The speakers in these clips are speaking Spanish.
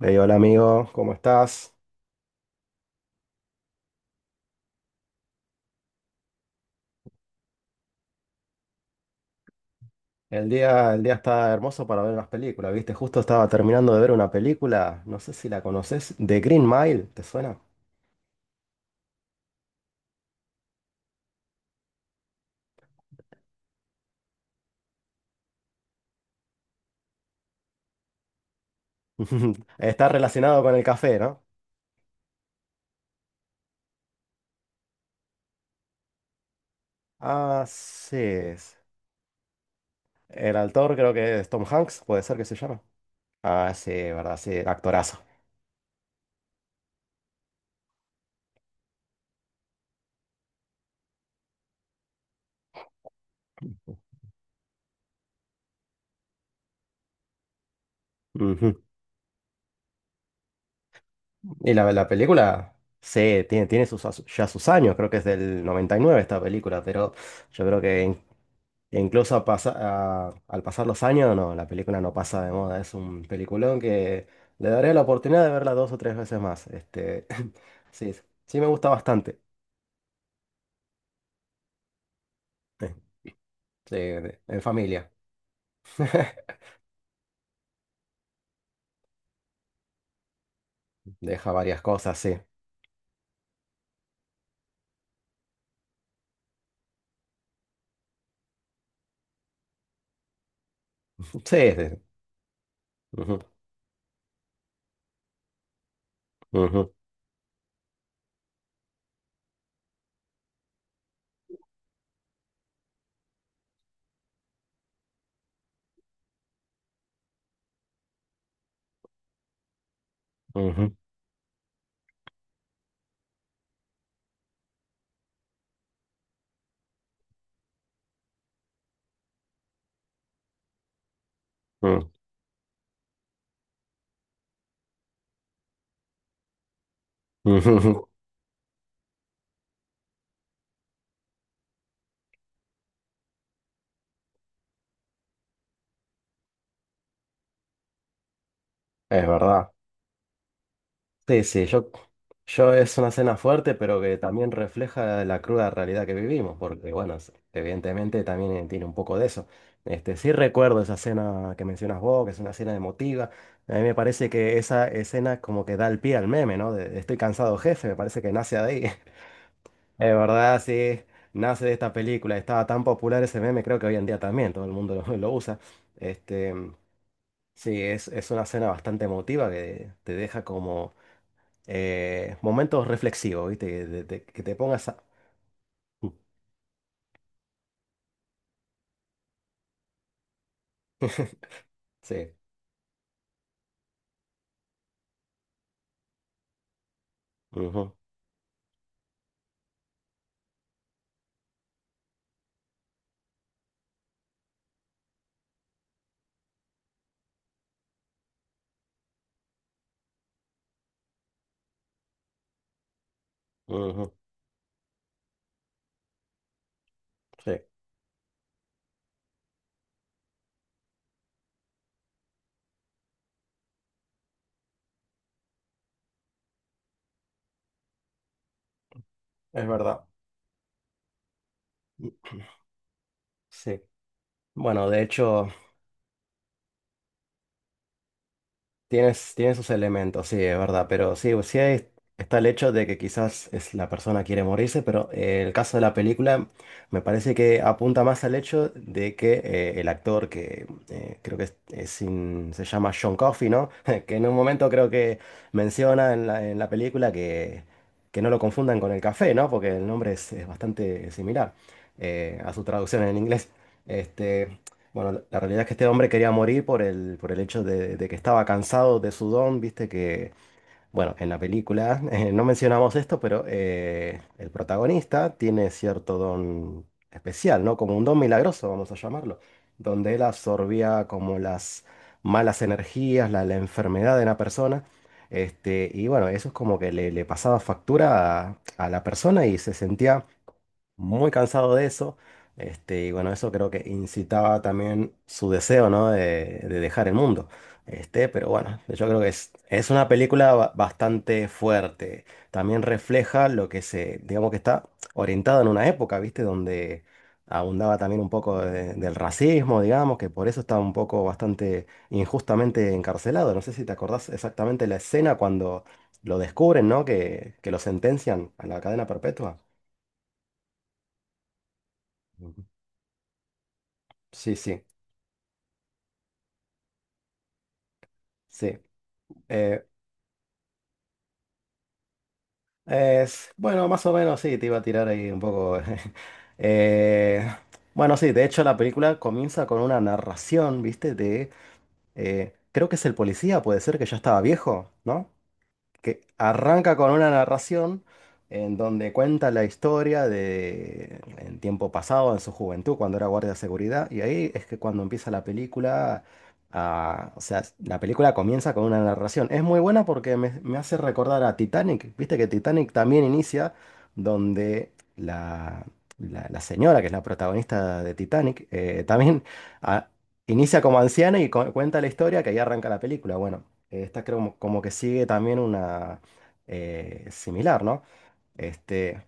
Hey, hola amigo, ¿cómo estás? El día está hermoso para ver unas películas, ¿viste? Justo estaba terminando de ver una película, no sé si la conoces, The Green Mile, ¿te suena? Está relacionado con el café, ¿no? Ah, sí, es. El autor creo que es Tom Hanks, puede ser que se llama. Ah, sí, verdad, sí, actorazo. Ujú. Y la película, sí, tiene sus, ya sus años, creo que es del 99 esta película, pero yo creo que en. E incluso al pasar los años, no, la película no pasa de moda. Es un peliculón que le daré la oportunidad de verla dos o tres veces más. Este, sí, sí me gusta bastante. Eh, Sí, en familia. Deja varias cosas, sí. Sí, sí. Ujú, ujú, ujú, ujú, ujú, ujú. Es verdad. Sí, sí, yo es una cena fuerte, pero que también refleja la cruda realidad que vivimos, porque bueno, evidentemente también tiene un poco de eso. Este, sí recuerdo esa cena que mencionas vos, que es una cena emotiva. A mí me parece que esa escena como que da el pie al meme, ¿no? De estoy cansado, jefe, me parece que nace de ahí. Es verdad, sí, nace de esta película. Estaba tan popular ese meme, creo que hoy en día también todo el mundo lo, lo usa. Este, sí, es una escena bastante emotiva que te deja como momentos reflexivos, ¿viste? Que te pongas a. Sí. Ujú, ujú. Sí, es verdad. Sí. Bueno, de hecho, tiene sus elementos, sí, es verdad, pero sí, sí, está el hecho de que quizás es la persona quiere morirse, pero el caso de la película me parece que apunta más al hecho de que el actor que creo que es sin- se llama John Coffey, ¿no? Que en un momento creo que menciona en la película que no lo confundan con el café, ¿no? Porque el nombre es bastante similar a su traducción en inglés. Este, bueno, la realidad es que este hombre quería morir por el hecho de que estaba cansado de su don, viste que, bueno, en la película, no mencionamos esto, pero el protagonista tiene cierto don especial, ¿no? Como un don milagroso, vamos a llamarlo, donde él absorbía como las malas energías, la enfermedad de una persona, este, y bueno, eso es como que le pasaba factura a la persona y se sentía muy cansado de eso. Este, y bueno, eso creo que incitaba también su deseo, ¿no? De dejar el mundo. Este, pero bueno, yo creo que es una película bastante fuerte. También refleja lo que se, digamos que está orientado en una época, ¿viste? Donde abundaba también un poco del racismo, digamos, que por eso estaba un poco bastante injustamente encarcelado. No sé si te acordás exactamente la escena cuando lo descubren, ¿no? Que lo sentencian a la cadena perpetua. Sí, sí, sí. Eh, es, bueno, más o menos sí, te iba a tirar ahí un poco. eh, bueno, sí, de hecho la película comienza con una narración, ¿viste? Creo que es el policía, puede ser que ya estaba viejo, ¿no? Que arranca con una narración en donde cuenta la historia de en tiempo pasado, en su juventud, cuando era guardia de seguridad, y ahí es que cuando empieza la película, ah, o sea, la película comienza con una narración. Es muy buena porque me hace recordar a Titanic, viste que Titanic también inicia donde la señora, que es la protagonista de Titanic, también. Ah, inicia como anciana y cuenta la historia que ahí arranca la película. Bueno, esta creo como que sigue también una similar, ¿no? Este,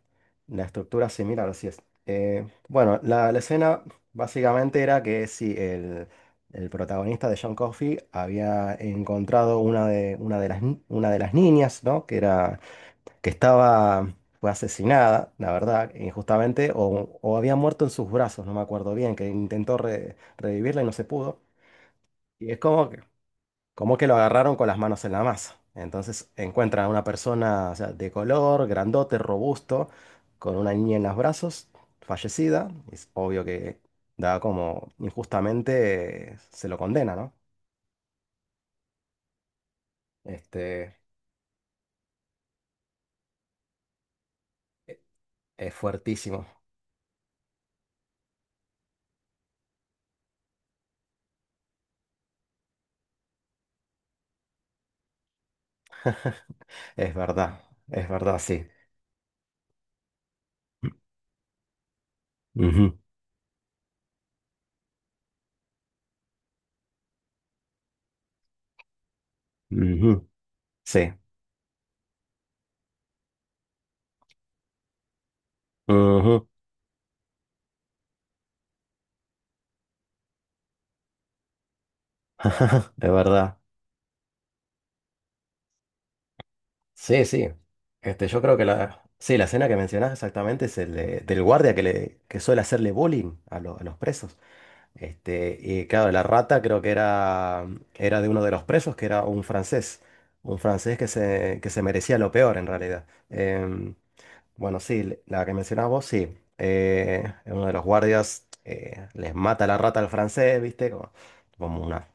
la estructura similar, así es. Bueno, la escena básicamente era que si el protagonista de John Coffey había encontrado una de las niñas, ¿no? Que era, que estaba, fue asesinada, la verdad, injustamente, o había muerto en sus brazos, no me acuerdo bien, que intentó revivirla y no se pudo. Y es como que lo agarraron con las manos en la masa. Entonces encuentran a una persona, o sea, de color, grandote, robusto, con una niña en los brazos, fallecida. Es obvio que da como injustamente se lo condena, ¿no? Este, es fuertísimo. Es verdad, es verdad, sí. Ujú, ujú, sí, ujú, es verdad. Sí, sí. Este, yo creo que la, sí, la escena que mencionás exactamente es el del guardia que, le, que suele hacerle bowling a los presos. Este, y claro, la rata creo que era de uno de los presos, que era un francés. Un francés que se merecía lo peor en realidad. Bueno, sí, la que mencionabas vos, sí. Uno de los guardias les mata la rata al francés, ¿viste? Como una,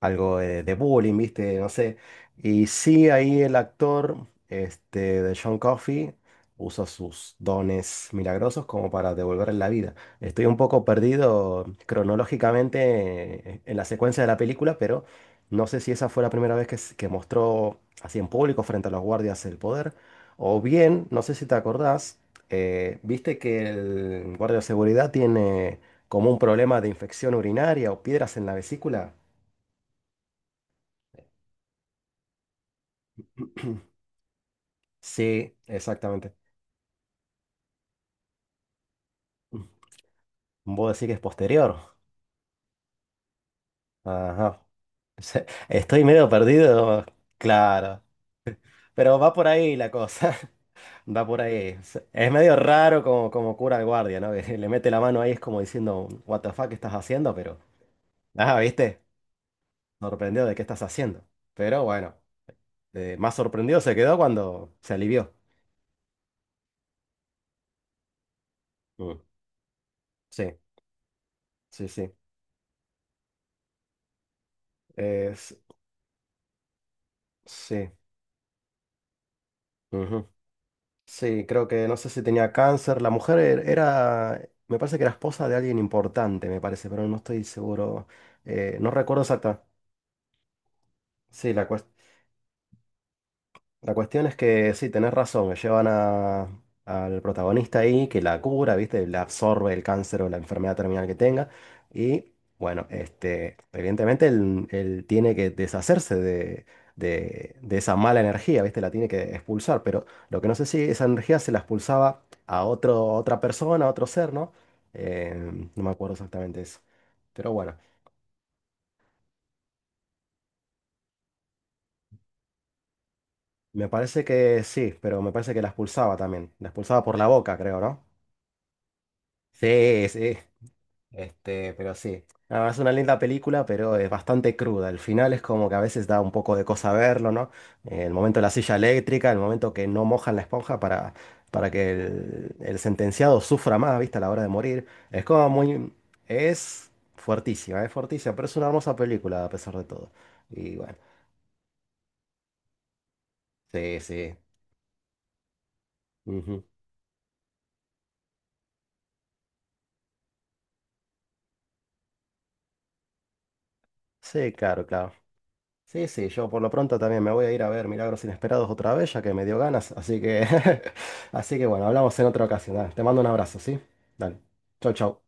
algo de bullying, ¿viste? No sé. Y sí, ahí el actor este, de John Coffey usa sus dones milagrosos como para devolverle la vida. Estoy un poco perdido cronológicamente en la secuencia de la película, pero no sé si esa fue la primera vez que, que mostró así en público frente a los guardias el poder. O bien, no sé si te acordás, viste que el guardia de seguridad tiene como un problema de infección urinaria o piedras en la vesícula. Sí, exactamente. Vos decís que es posterior. Ajá. Estoy medio perdido, claro. Pero va por ahí la cosa. Va por ahí. Es medio raro como cura el guardia, ¿no? Que le mete la mano ahí, es como diciendo, What the fuck, ¿qué estás haciendo? Pero, ah, ¿viste? Sorprendido de qué estás haciendo. Pero bueno. Más sorprendido se quedó cuando se alivió. Mm. Sí, sí, sí. Es- sí. Ujú. Sí, creo que no sé si tenía cáncer. La mujer era, me parece que era esposa de alguien importante, me parece, pero no estoy seguro. No recuerdo exacta. Sí, la cuestión. La cuestión es que sí, tenés razón, que llevan al protagonista ahí, que la cura, ¿viste? Le absorbe el cáncer o la enfermedad terminal que tenga. Y bueno, este, evidentemente él tiene que deshacerse de esa mala energía, ¿viste? La tiene que expulsar. Pero lo que no sé si esa energía se la expulsaba a otro, a otra persona, a otro ser, ¿no? No me acuerdo exactamente eso. Pero bueno, me parece que sí, pero me parece que la expulsaba también. La expulsaba por la boca, creo, ¿no? Sí, sí. Este, pero sí. Ah, es una linda película, pero es bastante cruda. El final es como que a veces da un poco de cosa verlo, ¿no? El momento de la silla eléctrica, el momento que no mojan la esponja para, que el sentenciado sufra más, ¿viste? A la hora de morir. Es como muy. Es fuertísima, pero es una hermosa película a pesar de todo. Y bueno, sí, sí. Ujú. Sí, claro, claro. Sí, sí, yo por lo pronto también me voy a ir a ver Milagros Inesperados otra vez, ya que me dio ganas, así que, así que bueno, hablamos en otra ocasión. Dale, te mando un abrazo, ¿sí? Dale. Chau, chau.